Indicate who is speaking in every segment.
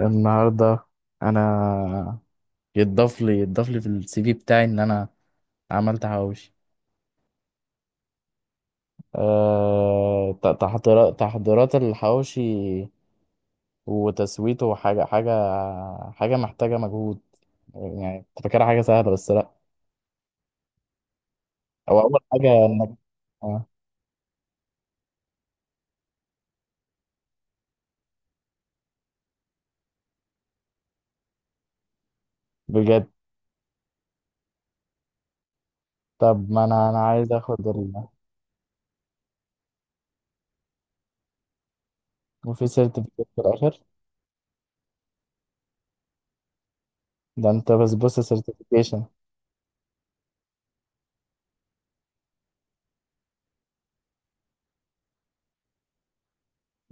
Speaker 1: النهارده انا يتضاف لي في السي في بتاعي ان انا عملت حواوشي. تحضيرات الحواوشي وتسويته وحاجة حاجة محتاجة مجهود، يعني كنت فاكرها حاجة سهلة بس لا. هو أول حاجة إنك آه، بجد. طب ما أنا عايز آخد ال وفي سيرتيفيكيت في الآخر. ده أنت بسبوسة سيرتيفيكيشن؟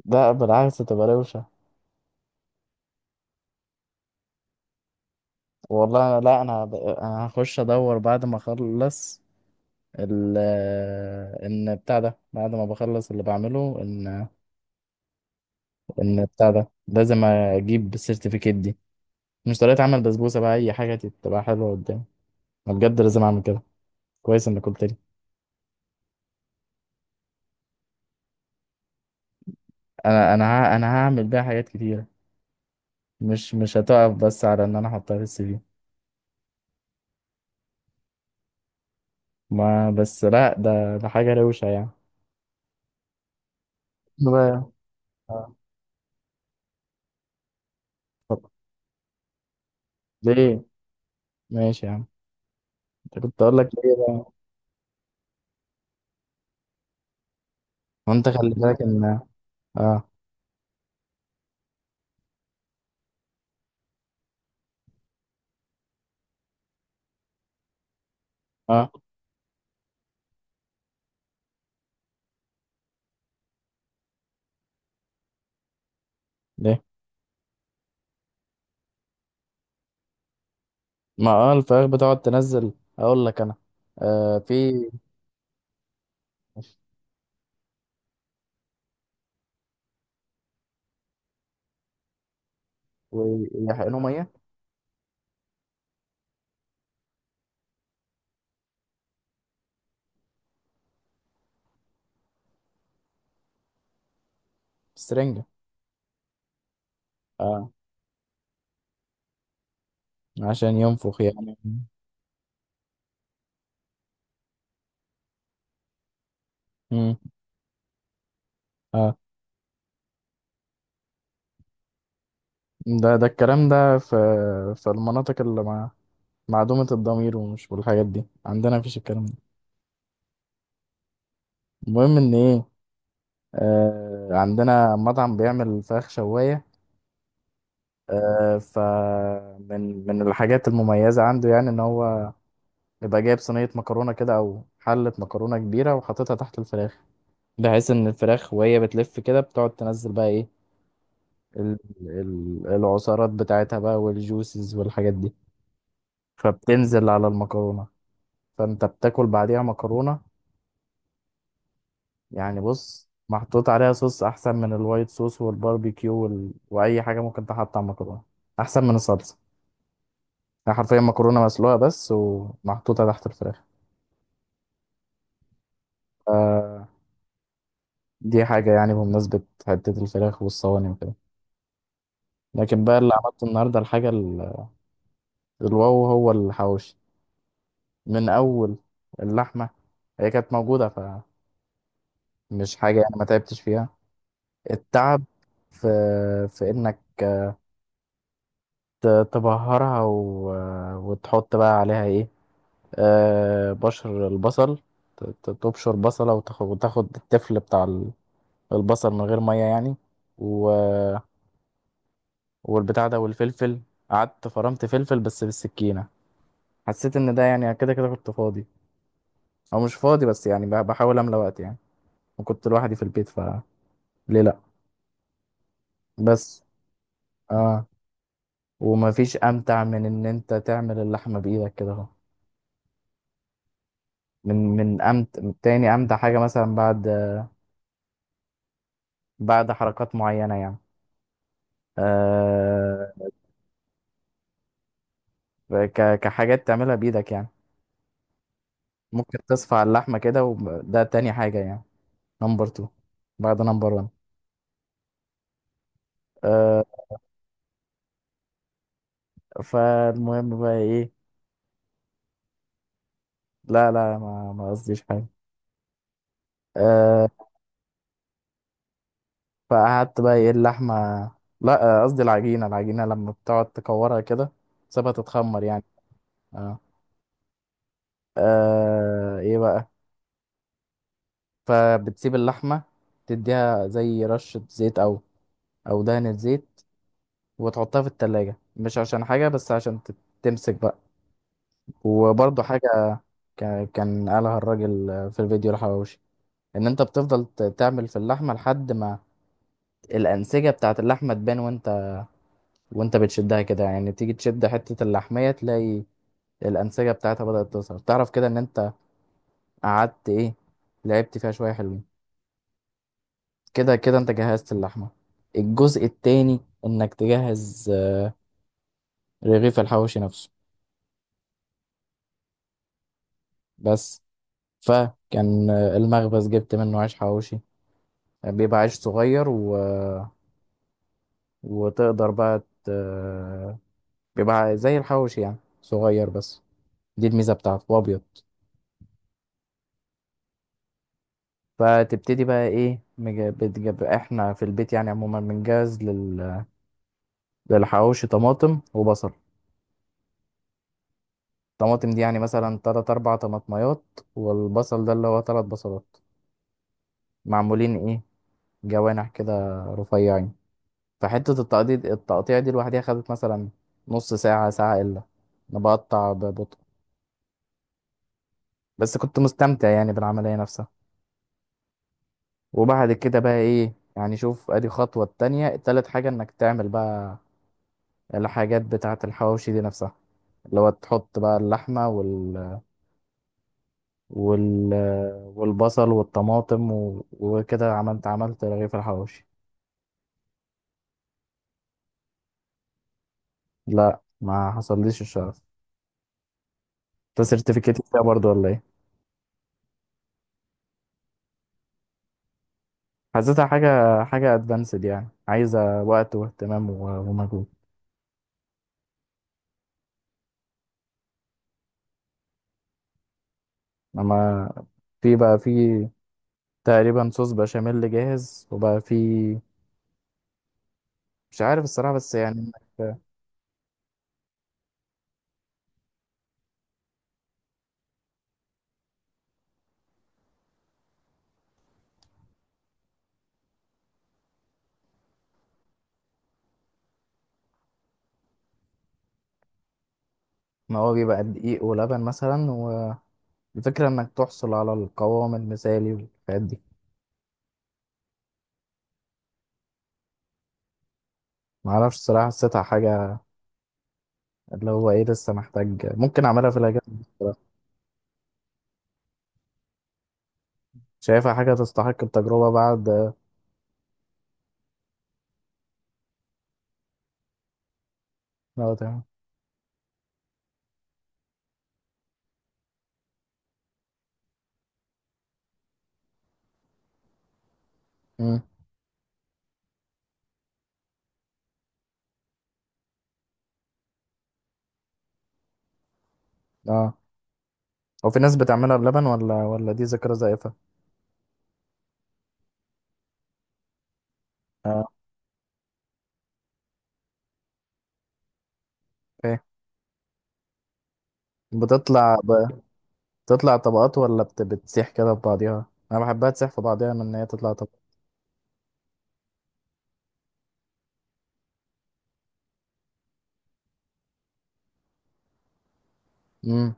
Speaker 1: ده بالعكس تبقى روشة. والله أنا لا، أنا أنا هخش أدور بعد ما أخلص ال ان بتاع ده، بعد ما بخلص اللي بعمله ان ان بتاع ده لازم اجيب السيرتيفيكيت دي، مش طريقة عمل بسبوسة بقى، اي حاجة تبقى حلوة قدامي. انا بجد لازم اعمل كده، كويس انك قلت لي. انا انا هعمل بيها حاجات كتيرة، مش هتقف بس على ان انا احطها في السي في. ما بس لا، ده حاجة روشة يعني. بقى- آه، اتفضل. ليه، ماشي يا عم. انت كنت اقول لك ليه بقى. وانت خلي بالك ان اه. اه. ليه؟ ما اه الفراخ بتقعد تنزل، اقول لك انا. آه في ويحقنوا ميه بسرنجة. اه، عشان ينفخ يعني. مم. اه، ده الكلام ده في في المناطق اللي مع معدومة الضمير ومش والحاجات دي، عندنا مفيش الكلام ده. المهم ان ايه، آه عندنا مطعم بيعمل فراخ شواية. آه، فمن الحاجات المميزة عنده يعني ان هو يبقى جايب صينية مكرونة كده او حلة مكرونة كبيرة وحاططها تحت الفراخ، بحيث ان الفراخ وهي بتلف كده بتقعد تنزل بقى ايه العصارات بتاعتها بقى والجوسز والحاجات دي، فبتنزل على المكرونة. فانت بتاكل بعديها مكرونة، يعني بص محطوط عليها صوص احسن من الوايت صوص والباربيكيو واي حاجة ممكن تحط على المكرونة، احسن من الصلصة. يعني حرفيا مكرونة مسلوقة بس ومحطوطة تحت الفراخ. آه. دي حاجة يعني بمناسبة حتة الفراخ والصواني وكده. لكن بقى اللي عملته النهاردة الحاجة الواو هو الحواوشي. من اول اللحمه، هي كانت موجوده، فمش حاجه يعني، ما تعبتش فيها. التعب في في انك تبهرها وتحط بقى عليها ايه، آه بشر البصل. تبشر بصله وتاخد, وتاخد التفل بتاع البصل، من غير ميه يعني. و... والبتاع ده والفلفل. قعدت فرمت فلفل بس بالسكينه، حسيت ان ده يعني كده كده كنت فاضي، او مش فاضي بس يعني بحاول املى وقت يعني، وكنت لوحدي في البيت فليه لا بس. اه. ومفيش امتع من ان انت تعمل اللحمه بايدك كده اهو. من تاني امتع حاجه مثلا بعد بعد حركات معينه يعني. آه. كحاجات تعملها بايدك يعني، ممكن تصفع اللحمه كده، وده تاني حاجه يعني، نمبر 2، بعد نمبر 1. آه. فالمهم بقى ايه، لا ما قصديش حاجه. آه. فقعدت بقى ايه اللحمه، لا آه، قصدي العجينه. العجينه لما بتقعد تكورها كده تسيبها تتخمر يعني. آه. آه ايه بقى، فبتسيب اللحمة تديها زي رشة زيت او او دهنة زيت، وتحطها في التلاجة مش عشان حاجة بس عشان تمسك بقى. وبرضه حاجة كان قالها الراجل في الفيديو الحواوشي، ان انت بتفضل تعمل في اللحمة لحد ما الأنسجة بتاعت اللحمة تبان، وانت وانت بتشدها كده يعني، تيجي تشد حتة اللحمية تلاقي الأنسجة بتاعتها بدأت تظهر، تعرف كده ان انت قعدت ايه لعبت فيها شوية حلوين، كده كده انت جهزت اللحمة. الجزء التاني انك تجهز رغيف الحواوشي نفسه بس. فكان المخبز جبت منه عيش حواوشي، بيبقى عيش صغير وتقدر بقى بيبقى زي الحواوشي يعني صغير بس، دي الميزة بتاعته، وابيض. فتبتدي بقى ايه بتجيب، احنا في البيت يعني عموما للحواوشي طماطم وبصل. الطماطم دي يعني مثلا تلات أربع طماطميات، والبصل ده اللي هو تلات بصلات، معمولين ايه، جوانح كده رفيعين. فحتة التقطيع دي لوحدها خدت مثلا نص ساعة ساعة إلا، أنا بقطع ببطء بس كنت مستمتع يعني بالعملية نفسها. وبعد كده بقى ايه يعني، شوف ادي خطوة التانية، تالت حاجة انك تعمل بقى الحاجات بتاعة الحواوشي دي نفسها، اللي هو تحط بقى اللحمة وال... والبصل والطماطم وكده، عملت رغيف الحواوشي. لا ما حصلليش الشرف. انت سيرتيفيكيت فيها برضو ولا ايه؟ حسيتها حاجة ادفانسد، يعني عايزة وقت واهتمام ومجهود. اما في بقى في تقريبا صوص بشاميل جاهز، وبقى في مش عارف الصراحة بس يعني انك، ما هو بيبقى دقيق ولبن مثلا، والفكرة انك تحصل على القوام المثالي والحاجات دي. معرفش الصراحة، حسيتها حاجة اللي هو ايه، لسه محتاج، ممكن اعملها في الاجازة الصراحة. شايفها حاجة تستحق التجربة بعد. اه تمام. مم. اه، هو في ناس بتعملها بلبن ولا ولا دي ذاكرة زائفة. اه. بتطلع ب... بتطلع طبقات ولا بتسيح كده في بعضيها؟ انا بحبها تسيح في بعضيها من ان هي تطلع طبقات. امم.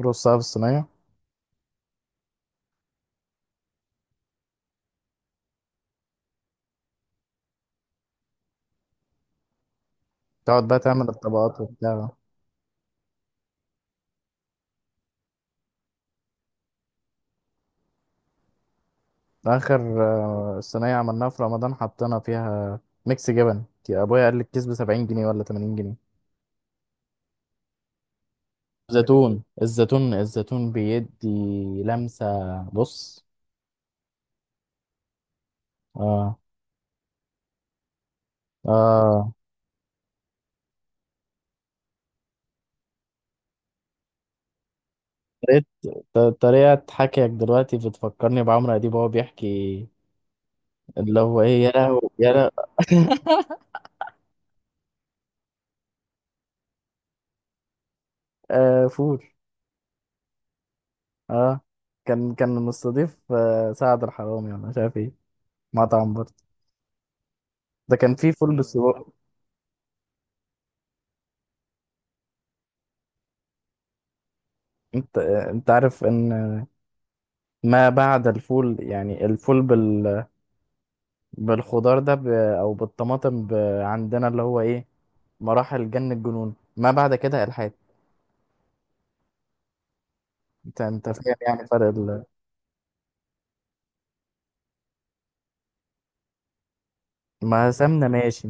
Speaker 1: رصها في الصينيه. تقعد بقى تعمل الطبقات وبتاع. اخر صينيه عملناها في رمضان حطينا فيها ميكس جبن، يا ابويا قال لي الكيس ب 70 جنيه ولا 80 جنيه. زيتون، الزيتون بيدي لمسه. بص. اه. اه. طريقة طريقة حكيك دلوقتي بتفكرني بعمرو أديب وهو بيحكي، اللي هو ايه، يا لهوي يا لهوي. آه فول. اه كان كان مستضيف سعد الحرامي ولا مش عارف ايه، مطعم برضه، ده كان فيه فول بالسجق. انت انت عارف ان، ما بعد الفول يعني الفول بالخضار او بالطماطم عندنا اللي هو ايه، مراحل جن الجنون ما بعد كده الحاد. انت فاهم يعني فرق ما سمنه ماشي،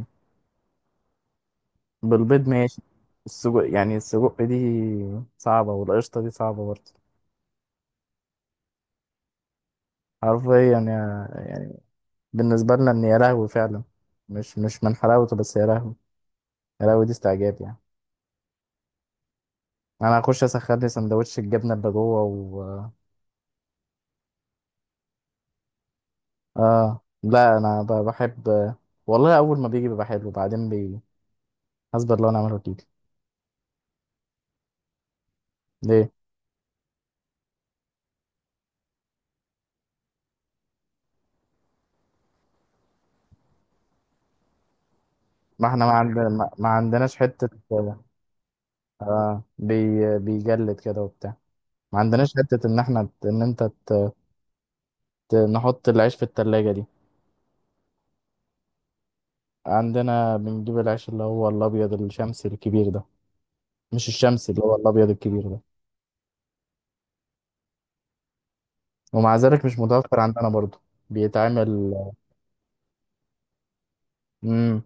Speaker 1: بالبيض ماشي. السجق يعني السجق دي صعبة، والقشطة دي صعبة برضه. حرفيا يعني بالنسبة لنا ان يا لهوي فعلا، مش من حلاوته بس يا لهوي، يا لهوي دي استعجاب يعني. انا هخش اسخن لي سندوتش الجبنة اللي جوه و اه لا انا بحب والله. اول ما بيجي بيبقى حلو وبعدين بي، اصبر لو انا عمله جديد. ليه؟ ما احنا ما عندنا ما عندناش حتة. اه، بيجلد كده وبتاع. ما عندناش حتة ان احنا ان انت نحط العيش في التلاجة دي. عندنا بنجيب العيش اللي هو الابيض الشمسي الكبير ده، مش الشمسي، اللي هو الابيض الكبير ده. ومع ذلك مش متوفر عندنا برضو. بيتعمل. امم.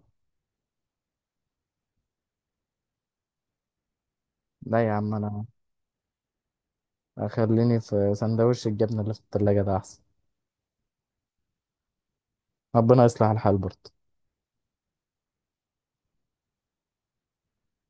Speaker 1: لا يا عم انا اخليني في سندوتش الجبنه اللي في التلاجة ده احسن. ربنا يصلح الحال برضو.